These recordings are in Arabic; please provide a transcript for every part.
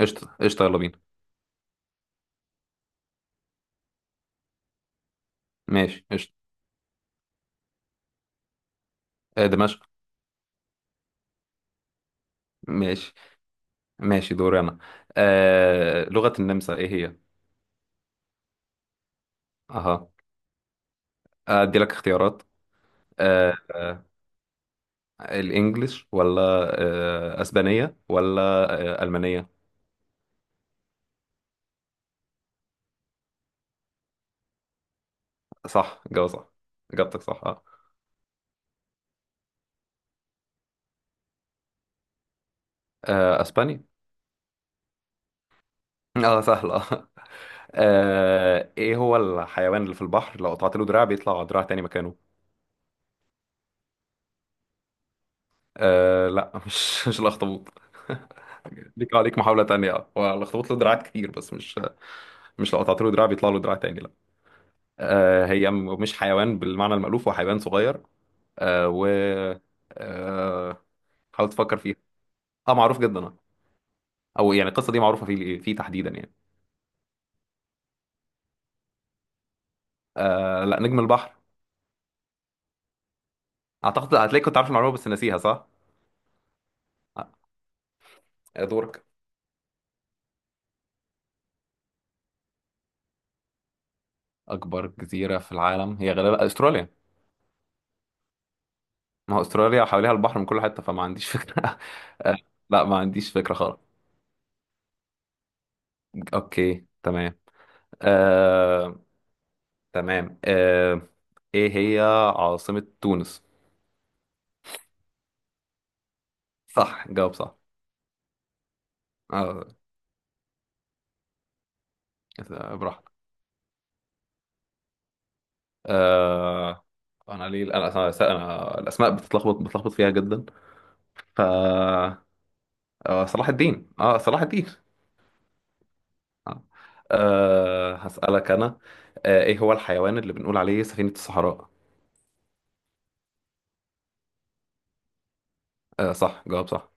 قشطة قشطة، يلا بينا. ماشي قشطة. دمشق. ماشي. ماشي، دوري أنا. لغة النمسا إيه هي؟ أها، أدي لك اختيارات. آه آه الإنجليش ولا أسبانية ولا ألمانية؟ صح، جواب صح. إجابتك صح. أسبانيا. سهلة آه. إيه هو الحيوان اللي في البحر لو قطعت له دراع بيطلع دراع تاني مكانه؟ لا مش الأخطبوط ليك عليك محاولة تانية، هو الأخطبوط له دراعات كتير بس مش لو قطعت له دراع بيطلع له دراع تاني، لا. هي مش حيوان بالمعنى المألوف، هو حيوان صغير. آه و آه حاول تفكر فيها. اه، معروف جدا آه. او يعني القصه دي معروفه فيه تحديدا يعني. لا، نجم البحر. اعتقد هتلاقي كنت عارف المعلومه بس ناسيها، صح؟ دورك. اكبر جزيره في العالم هي غالبا استراليا. ما هو استراليا حواليها البحر من كل حته، فما عنديش فكره آه لا، ما عنديش فكره خالص. اوكي، تمام. آه تمام آه، ايه هي عاصمة تونس؟ صح، جاوب صح. آه، براحتك. آه، انا ليه انا انا أنا الاسماء بتلخبط فيها جدا، ف صلاح الدين، اه، صلاح الدين. آه. هسألك انا. ايه هو الحيوان اللي بنقول عليه سفينة الصحراء؟ صح، جاوب صح.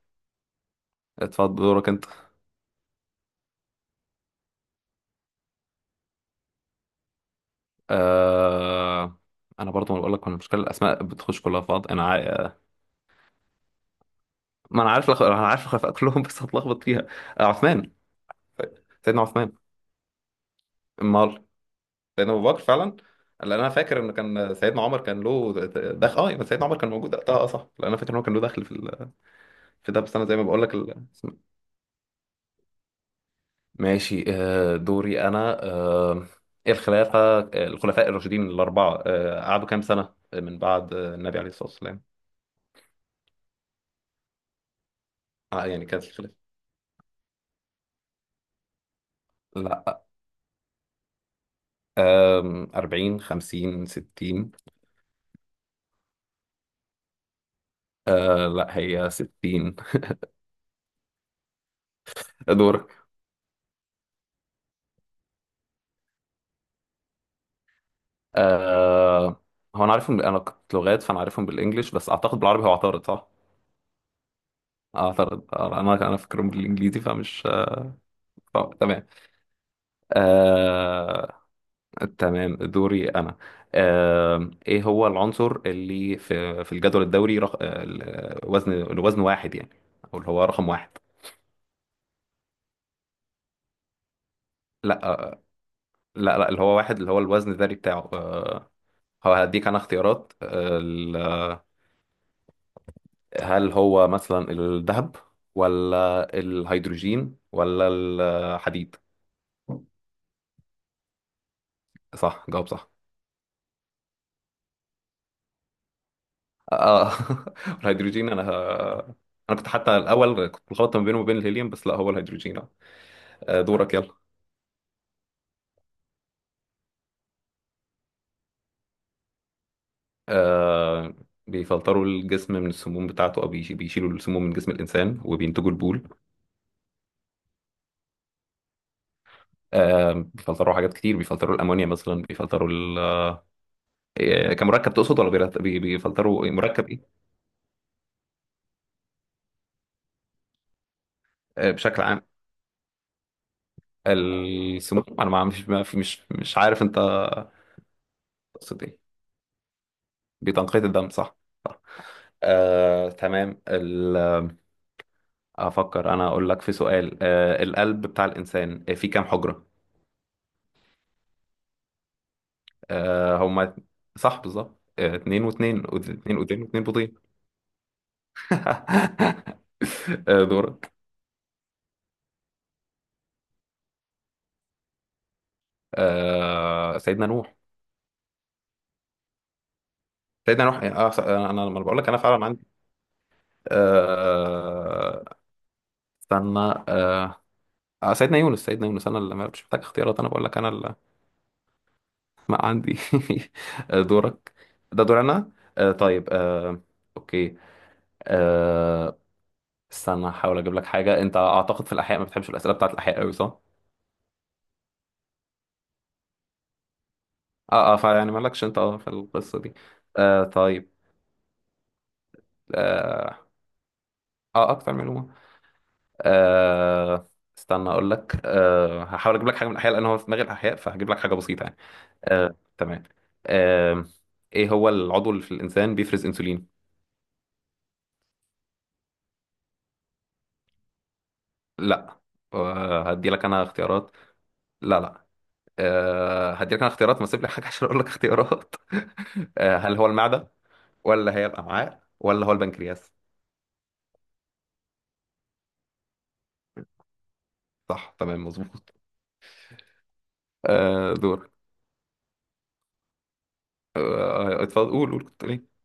اتفضل دورك انت. آه، انا برضو ما بقول لك، المشكله الاسماء بتخش كلها في بعض، انا ما انا عارف لخ... انا عارف الخلفاء كلهم بس هتلخبط فيها. عثمان، سيدنا عثمان. امال؟ سيدنا ابو بكر فعلا. لان انا فاكر ان كان سيدنا عمر كان له دخل. اه، يبقى سيدنا عمر كان موجود وقتها، اه صح، لان انا فاكر ان هو كان له دخل في في ده، بس انا زي ما بقول لك ماشي. آه، دوري انا آه، الخلافه آه، الخلفاء الراشدين الاربعه قعدوا كام سنه من بعد النبي عليه الصلاه والسلام؟ يعني كانت الخلافه؟ لا. 40 50 60؟ لا، هي 60. دور. آه هو انا عارفهم، انا كنت لغات فانا عارفهم بالانجلش، بس اعتقد بالعربي هو اعترض صح؟ اعترض. انا فاكرهم بالانجليزي فمش تمام. آه تمام دوري انا. ايه هو العنصر اللي في الجدول الدوري الوزن واحد يعني، او اللي هو رقم واحد؟ لا. اللي هو واحد، اللي هو الوزن الذري بتاعه. هو هديك انا اختيارات هل هو مثلا الذهب ولا الهيدروجين ولا الحديد؟ صح، جاوب صح. اه الهيدروجين. انا كنت حتى الاول كنت مخلط ما بينه وما بين الهيليوم، بس لا هو الهيدروجين. دورك يلا. آه، بيفلتروا الجسم من السموم بتاعته، او بيشيلوا السموم من جسم الانسان وبينتجوا البول. بيفلتروا حاجات كتير، بيفلتروا الامونيا مثلا، بيفلتروا ال... آه، كمركب تقصد ولا بيفلتروا مركب ايه؟ بشكل عام، السموم. انا ما مش ما في مش مش عارف انت تقصد ايه. بتنقية الدم؟ صح. آه، تمام ال... افكر انا اقول لك في سؤال. القلب بتاع الانسان فيه كام حجرة؟ آه، هما صح بالظبط. اتنين واتنين، اتنين ودين واتنين بيضين دورك. سيدنا نوح. سيدنا نوح. انا لما بقول لك انا فعلا عندي. آه، استنى. آه، سيدنا يونس، سيدنا يونس، انا اللي مش محتاج اختيارات، انا بقول لك انا ما عندي دورك. ده دور انا. آه طيب آه اوكي. آه استنى احاول اجيب لك حاجه. انت اعتقد في الاحياء ما بتحبش الاسئله بتاعت الاحياء قوي صح؟ اه اه، فيعني مالكش انت اه في القصه دي. آه طيب اه، اكتر معلومه. آه استنى اقول لك. هحاول اجيب لك حاجه من الاحياء، لان هو في دماغي الاحياء، فهجيب لك حاجه بسيطه يعني. آه تمام آه ايه هو العضو اللي في الانسان بيفرز انسولين؟ لا. هدي لك انا اختيارات. لا. هديلك انا اختيارات، ما اسيب لك حاجه عشان اقول لك اختيارات هل هو المعده ولا هي الامعاء ولا هو البنكرياس؟ صح تمام، مظبوط. دور. اتفضل، قول كنت ليه.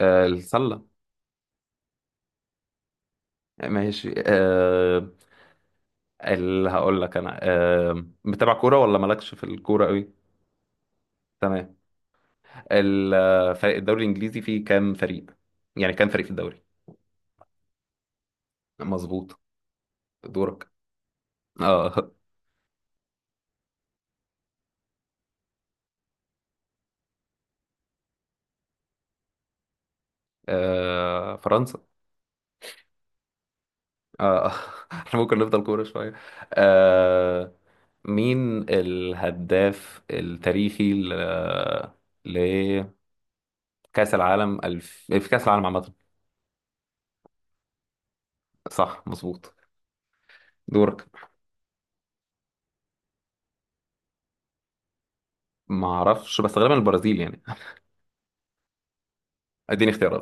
السله. ماشي. اللي هقول لك انا متابع كوره ولا مالكش في الكوره قوي؟ تمام. فريق الدوري الانجليزي فيه كام فريق، يعني كام فريق في الدوري؟ مظبوط. دورك. اه. فرنسا. آه احنا ممكن نفضل كورة شوية. آه مين الهداف التاريخي لكأس العالم في كأس العالم عامة؟ صح، مظبوط. دورك. ما اعرفش، بس غالبا البرازيل يعني. اديني اختيارات.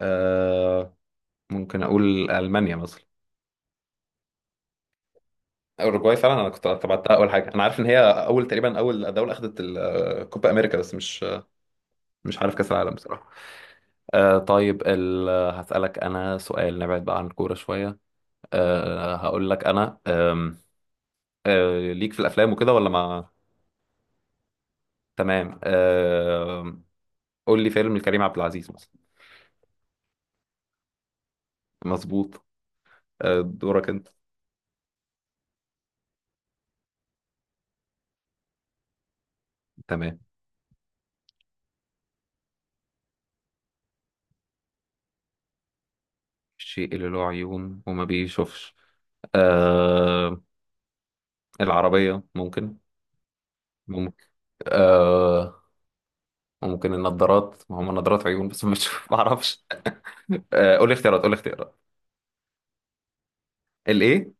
آه ممكن اقول ألمانيا مثلا. اوروجواي فعلا، انا كنت تبعتها اول حاجة، انا عارف ان هي اول تقريبا اول دولة اخذت الكوبا امريكا، بس مش عارف كأس العالم بصراحة. هسألك انا سؤال نبعد بقى عن الكورة شوية. هقول لك انا أم، أه ليك في الافلام وكده ولا ما؟ تمام. قول لي فيلم لكريم عبد العزيز مثلا. مظبوط. دورك انت. تمام. الشيء اللي له عيون وما بيشوفش؟ أه العربية ممكن؟ ممكن. أه ممكن النضارات، ما هم نضارات، عيون بس ما بتشوف ما اعرفش. قول لي اختيارات، قول لي اختيارات. الايه؟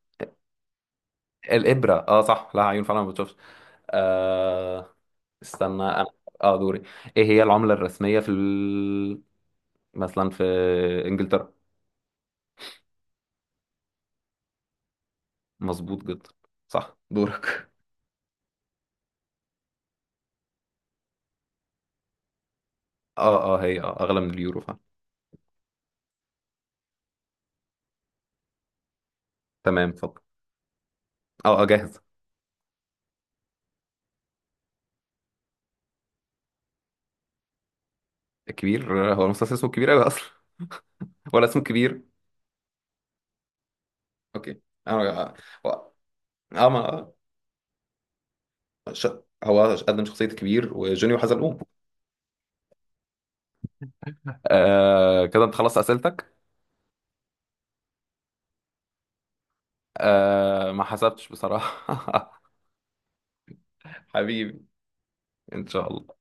الابرة؟ اه صح، لها عيون فعلا ما بتشوفش. أه استنى انا. اه، دوري. ايه هي العملة الرسمية في مثلا في انجلترا؟ مظبوط جدا، صح. دورك اه هي اغلى من اليورو فعلا. تمام، اتفضل. اه جاهز. كبير؟ هو المستثمر اسمه كبير قوي اصلا ولا اسمه كبير؟ اوكي. انا هو اه ما آه، ش... هو قدم شخصية كبير، وجونيو حزلقوم. كده انت خلصت اسئلتك. ما حسبتش بصراحة. حبيبي، ان شاء الله.